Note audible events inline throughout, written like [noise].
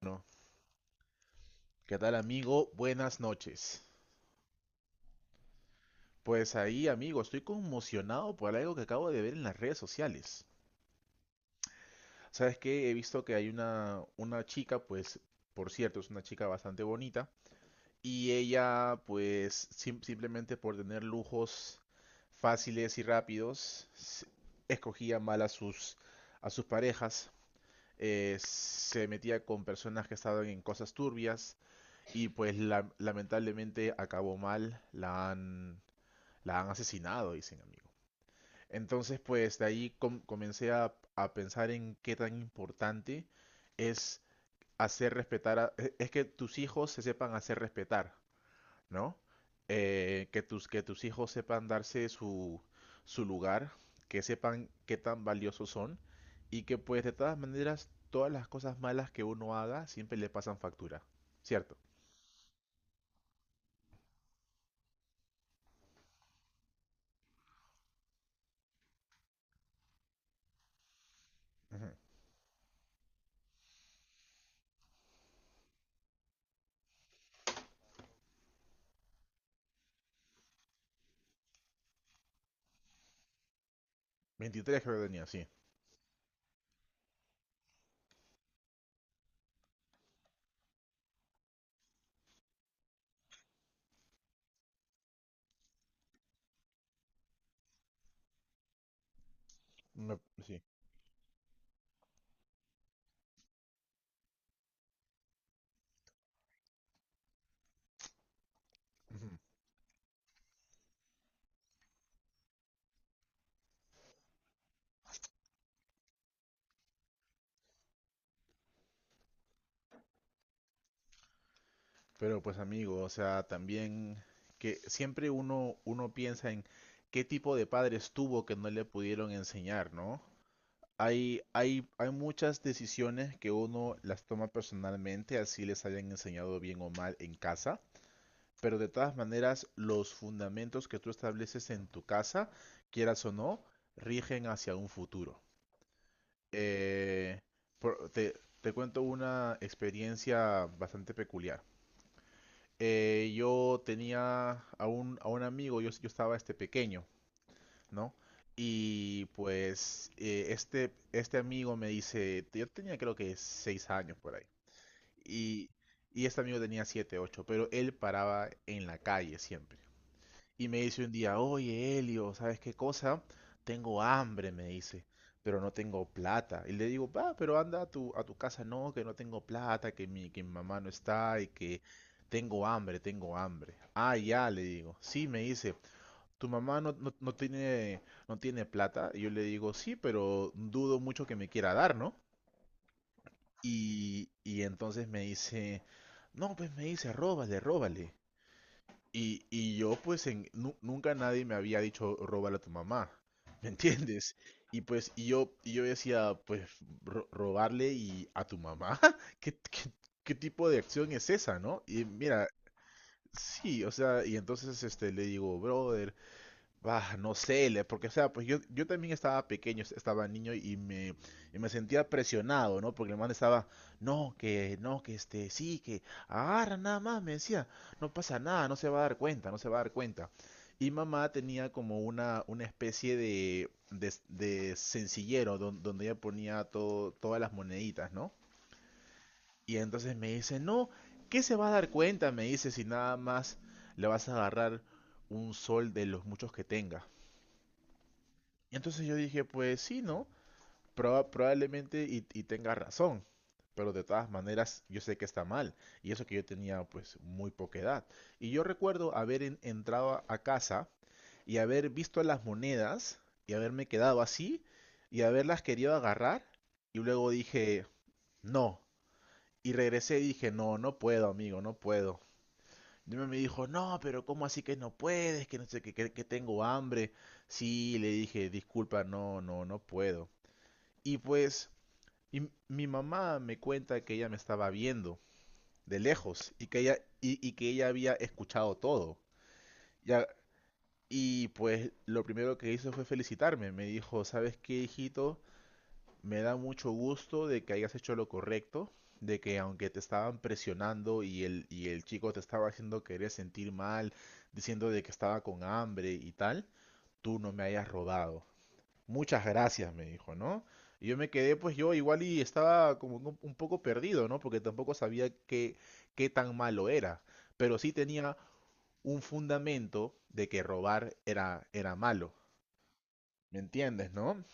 Bueno, ¿qué tal amigo? Buenas noches. Pues ahí amigo, estoy conmocionado por algo que acabo de ver en las redes sociales. ¿Sabes qué? He visto que hay una chica, pues, por cierto, es una chica bastante bonita. Y ella, pues, simplemente por tener lujos fáciles y rápidos, escogía mal a sus parejas. Se metía con personas que estaban en cosas turbias. Y pues lamentablemente acabó mal. La han asesinado, dicen, amigo. Entonces, pues de ahí comencé a pensar en qué tan importante es hacer es que tus hijos se sepan hacer respetar, ¿no? Que tus hijos sepan darse su lugar, que sepan qué tan valiosos son y que pues de todas maneras todas las cosas malas que uno haga siempre le pasan factura, ¿cierto? Ujú. 23 creo que tenía, sí. Me- sí. Ujú. Pero pues amigo, o sea, también que siempre uno piensa en qué tipo de padres tuvo que no le pudieron enseñar, ¿no? Hay muchas decisiones que uno las toma personalmente, así les hayan enseñado bien o mal en casa, pero de todas maneras los fundamentos que tú estableces en tu casa, quieras o no, rigen hacia un futuro. Eh, por- te, Te cuento una experiencia bastante peculiar. Yo tenía a un amigo. Yo estaba este pequeño, ¿no? Y pues este amigo me dice, yo tenía creo que 6 años por ahí. Y, y este amigo tenía 7, 8, pero él paraba en la calle siempre. Y me dice un día, oye, Elio, ¿sabes qué cosa? Tengo hambre, me dice, pero no tengo plata. Y le digo, va, pero anda a tu casa. No, que no tengo plata, que mi mamá no está y que tengo hambre, tengo hambre. Ah, ya, le digo. Sí, me dice, ¿tu mamá no tiene, no tiene plata? Y yo le digo, sí, pero dudo mucho que me quiera dar, ¿no? Y entonces me dice, no, pues me dice, róbale, róbale. Y yo pues nunca nadie me había dicho róbala a tu mamá, ¿me entiendes? Y pues yo decía, pues robarle y a tu mamá. [laughs] ¿Qué, qué tipo de acción es esa, no? Y mira, sí, o sea, y entonces le digo, brother, bah, no sé, porque o sea, pues yo también estaba pequeño, estaba niño y y me sentía presionado, ¿no? Porque el man estaba, no, que, no, que este, sí, que agarra nada más, me decía, no pasa nada, no se va a dar cuenta, no se va a dar cuenta. Y mamá tenía como una especie de sencillero donde ella ponía todo, todas las moneditas, ¿no? Y entonces me dice, no, ¿qué se va a dar cuenta? Me dice, si nada más le vas a agarrar un sol de los muchos que tenga. Y entonces yo dije, pues sí, ¿no? Probablemente tenga razón. Pero de todas maneras, yo sé que está mal. Y eso que yo tenía pues muy poca edad. Y yo recuerdo haber entrado a casa y haber visto las monedas y haberme quedado así y haberlas querido agarrar. Y luego dije, no. Y regresé y dije, no, no puedo, amigo, no puedo. Y me dijo, no, pero ¿cómo así que no puedes? Que no sé, que tengo hambre. Sí, le dije, disculpa, no puedo. Y pues y mi mamá me cuenta que ella me estaba viendo de lejos y que ella, y que ella había escuchado todo. Ya, y pues lo primero que hizo fue felicitarme. Me dijo, ¿sabes qué, hijito? Me da mucho gusto de que hayas hecho lo correcto, de que aunque te estaban presionando y el chico te estaba haciendo querer sentir mal, diciendo de que estaba con hambre y tal, tú no me hayas rodado. Muchas gracias, me dijo, ¿no? Y yo me quedé, pues yo igual y estaba como un poco perdido, ¿no? Porque tampoco sabía qué, qué tan malo era. Pero sí tenía un fundamento de que robar era, era malo. ¿Me entiendes, no?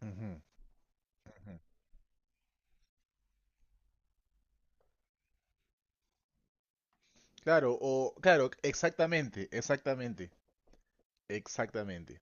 Ujú, ujú. Claro, o claro, exactamente,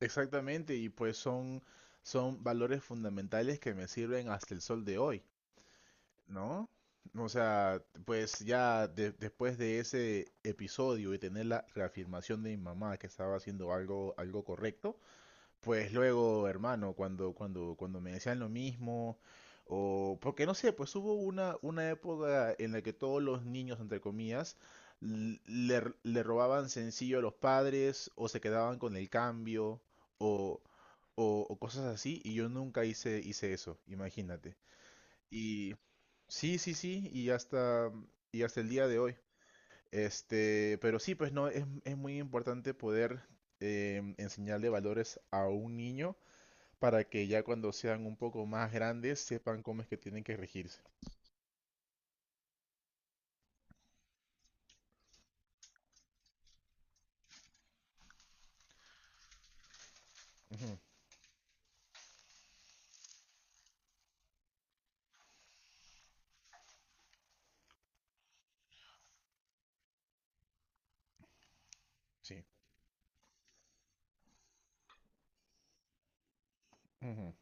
exactamente. Y pues son, son valores fundamentales que me sirven hasta el sol de hoy. ¿No? O sea, pues ya después de ese episodio y tener la reafirmación de mi mamá que estaba haciendo algo, algo correcto, pues luego, hermano, cuando me decían lo mismo, o porque no sé, pues hubo una época en la que todos los niños, entre comillas, le robaban sencillo a los padres, o se quedaban con el cambio, o, o cosas así, y yo nunca hice eso, imagínate. Sí, sí, sí, y hasta el día de hoy. Este, pero sí, pues no, es muy importante poder enseñarle valores a un niño para que ya cuando sean un poco más grandes sepan cómo es que tienen que regirse. Ujú, sí, ujú,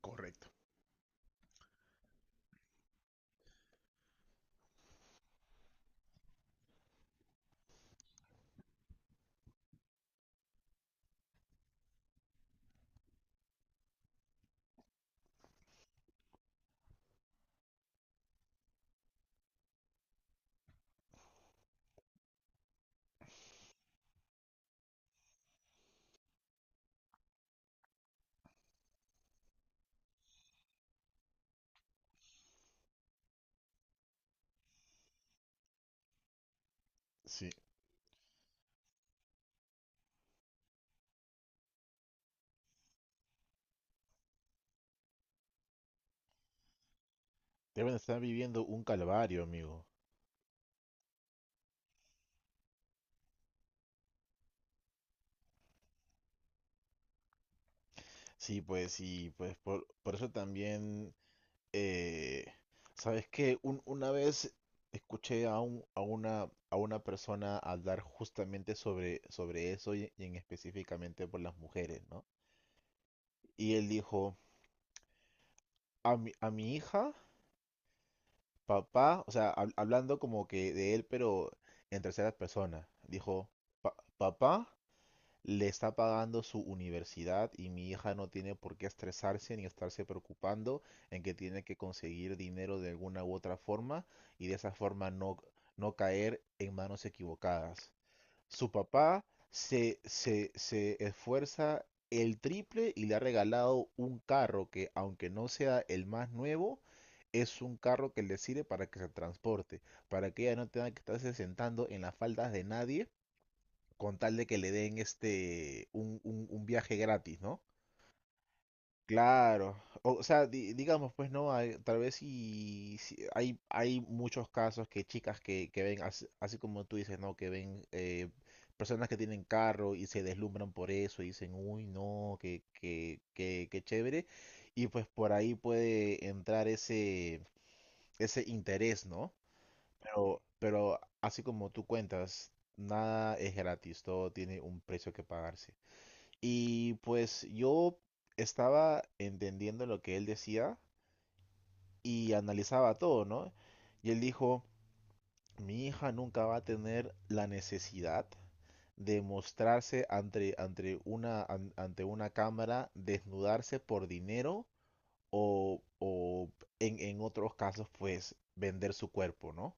correcto. Sí, deben estar viviendo un calvario, amigo. Sí, pues, y pues por eso también. Eh, ¿Sabes que una vez escuché a una persona hablar justamente sobre eso y en específicamente por las mujeres, ¿no? Y él dijo, a mi hija, papá, o sea, hablando como que de él, pero en tercera persona, dijo, Papá le está pagando su universidad y mi hija no tiene por qué estresarse ni estarse preocupando en que tiene que conseguir dinero de alguna u otra forma y de esa forma no, no caer en manos equivocadas. Su papá se esfuerza el triple y le ha regalado un carro que, aunque no sea el más nuevo, es un carro que le sirve para que se transporte, para que ella no tenga que estarse sentando en las faldas de nadie con tal de que le den este un viaje gratis, ¿no? Claro, o sea, digamos, pues no, tal vez hay muchos casos que chicas que ven, así, como tú dices, ¿no? Que ven personas que tienen carro y se deslumbran por eso y dicen, uy, no, qué chévere. Y pues por ahí puede entrar ese interés, ¿no? Pero así como tú cuentas, nada es gratis, todo tiene un precio que pagarse. Y pues yo estaba entendiendo lo que él decía y analizaba todo, ¿no? Y él dijo, mi hija nunca va a tener la necesidad de mostrarse ante una cámara, desnudarse por dinero o en otros casos, pues vender su cuerpo, ¿no?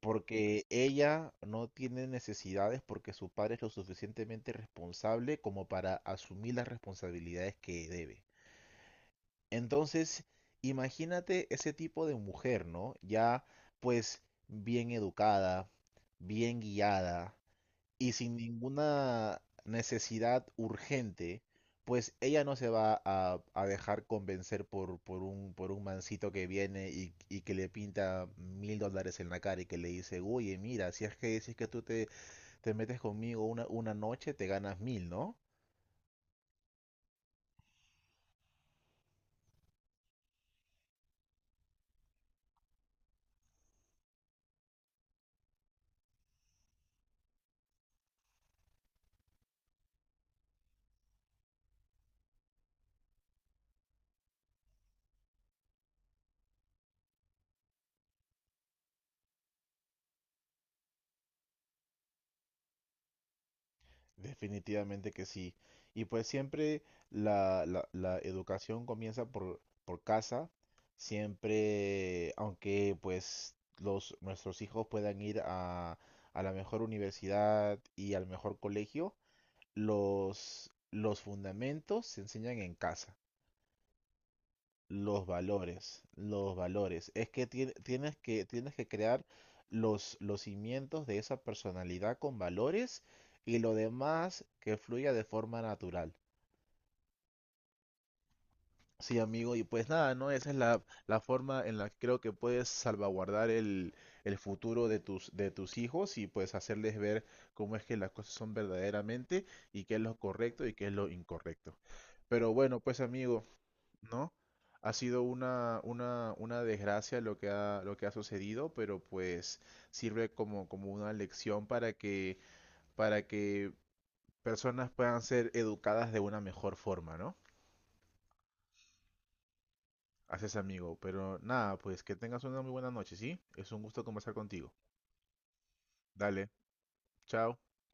Porque ella no tiene necesidades porque su padre es lo suficientemente responsable como para asumir las responsabilidades que debe. Entonces, imagínate ese tipo de mujer, ¿no? Ya pues bien educada, bien guiada, y sin ninguna necesidad urgente, pues ella no se va a dejar convencer por un mancito que viene y que le pinta $1000 en la cara y que le dice, oye, mira, si es que, si es que tú te metes conmigo una noche, te ganas mil, ¿no? Definitivamente que sí. Y pues siempre la educación comienza por casa, siempre, aunque pues nuestros hijos puedan ir a la mejor universidad y al mejor colegio, los fundamentos se enseñan en casa. Los valores, los valores. Es que tienes que, tienes que crear los cimientos de esa personalidad con valores y lo demás que fluya de forma natural. Sí, amigo, y pues nada, ¿no? Esa es la forma en la que creo que puedes salvaguardar el futuro de tus hijos y pues hacerles ver cómo es que las cosas son verdaderamente y qué es lo correcto y qué es lo incorrecto. Pero bueno, pues amigo, ¿no? Ha sido una desgracia lo que ha sucedido, pero pues sirve como, como una lección para que personas puedan ser educadas de una mejor forma, ¿no? Haces amigo, pero nada, pues que tengas una muy buena noche, ¿sí? Es un gusto conversar contigo. Dale, chao.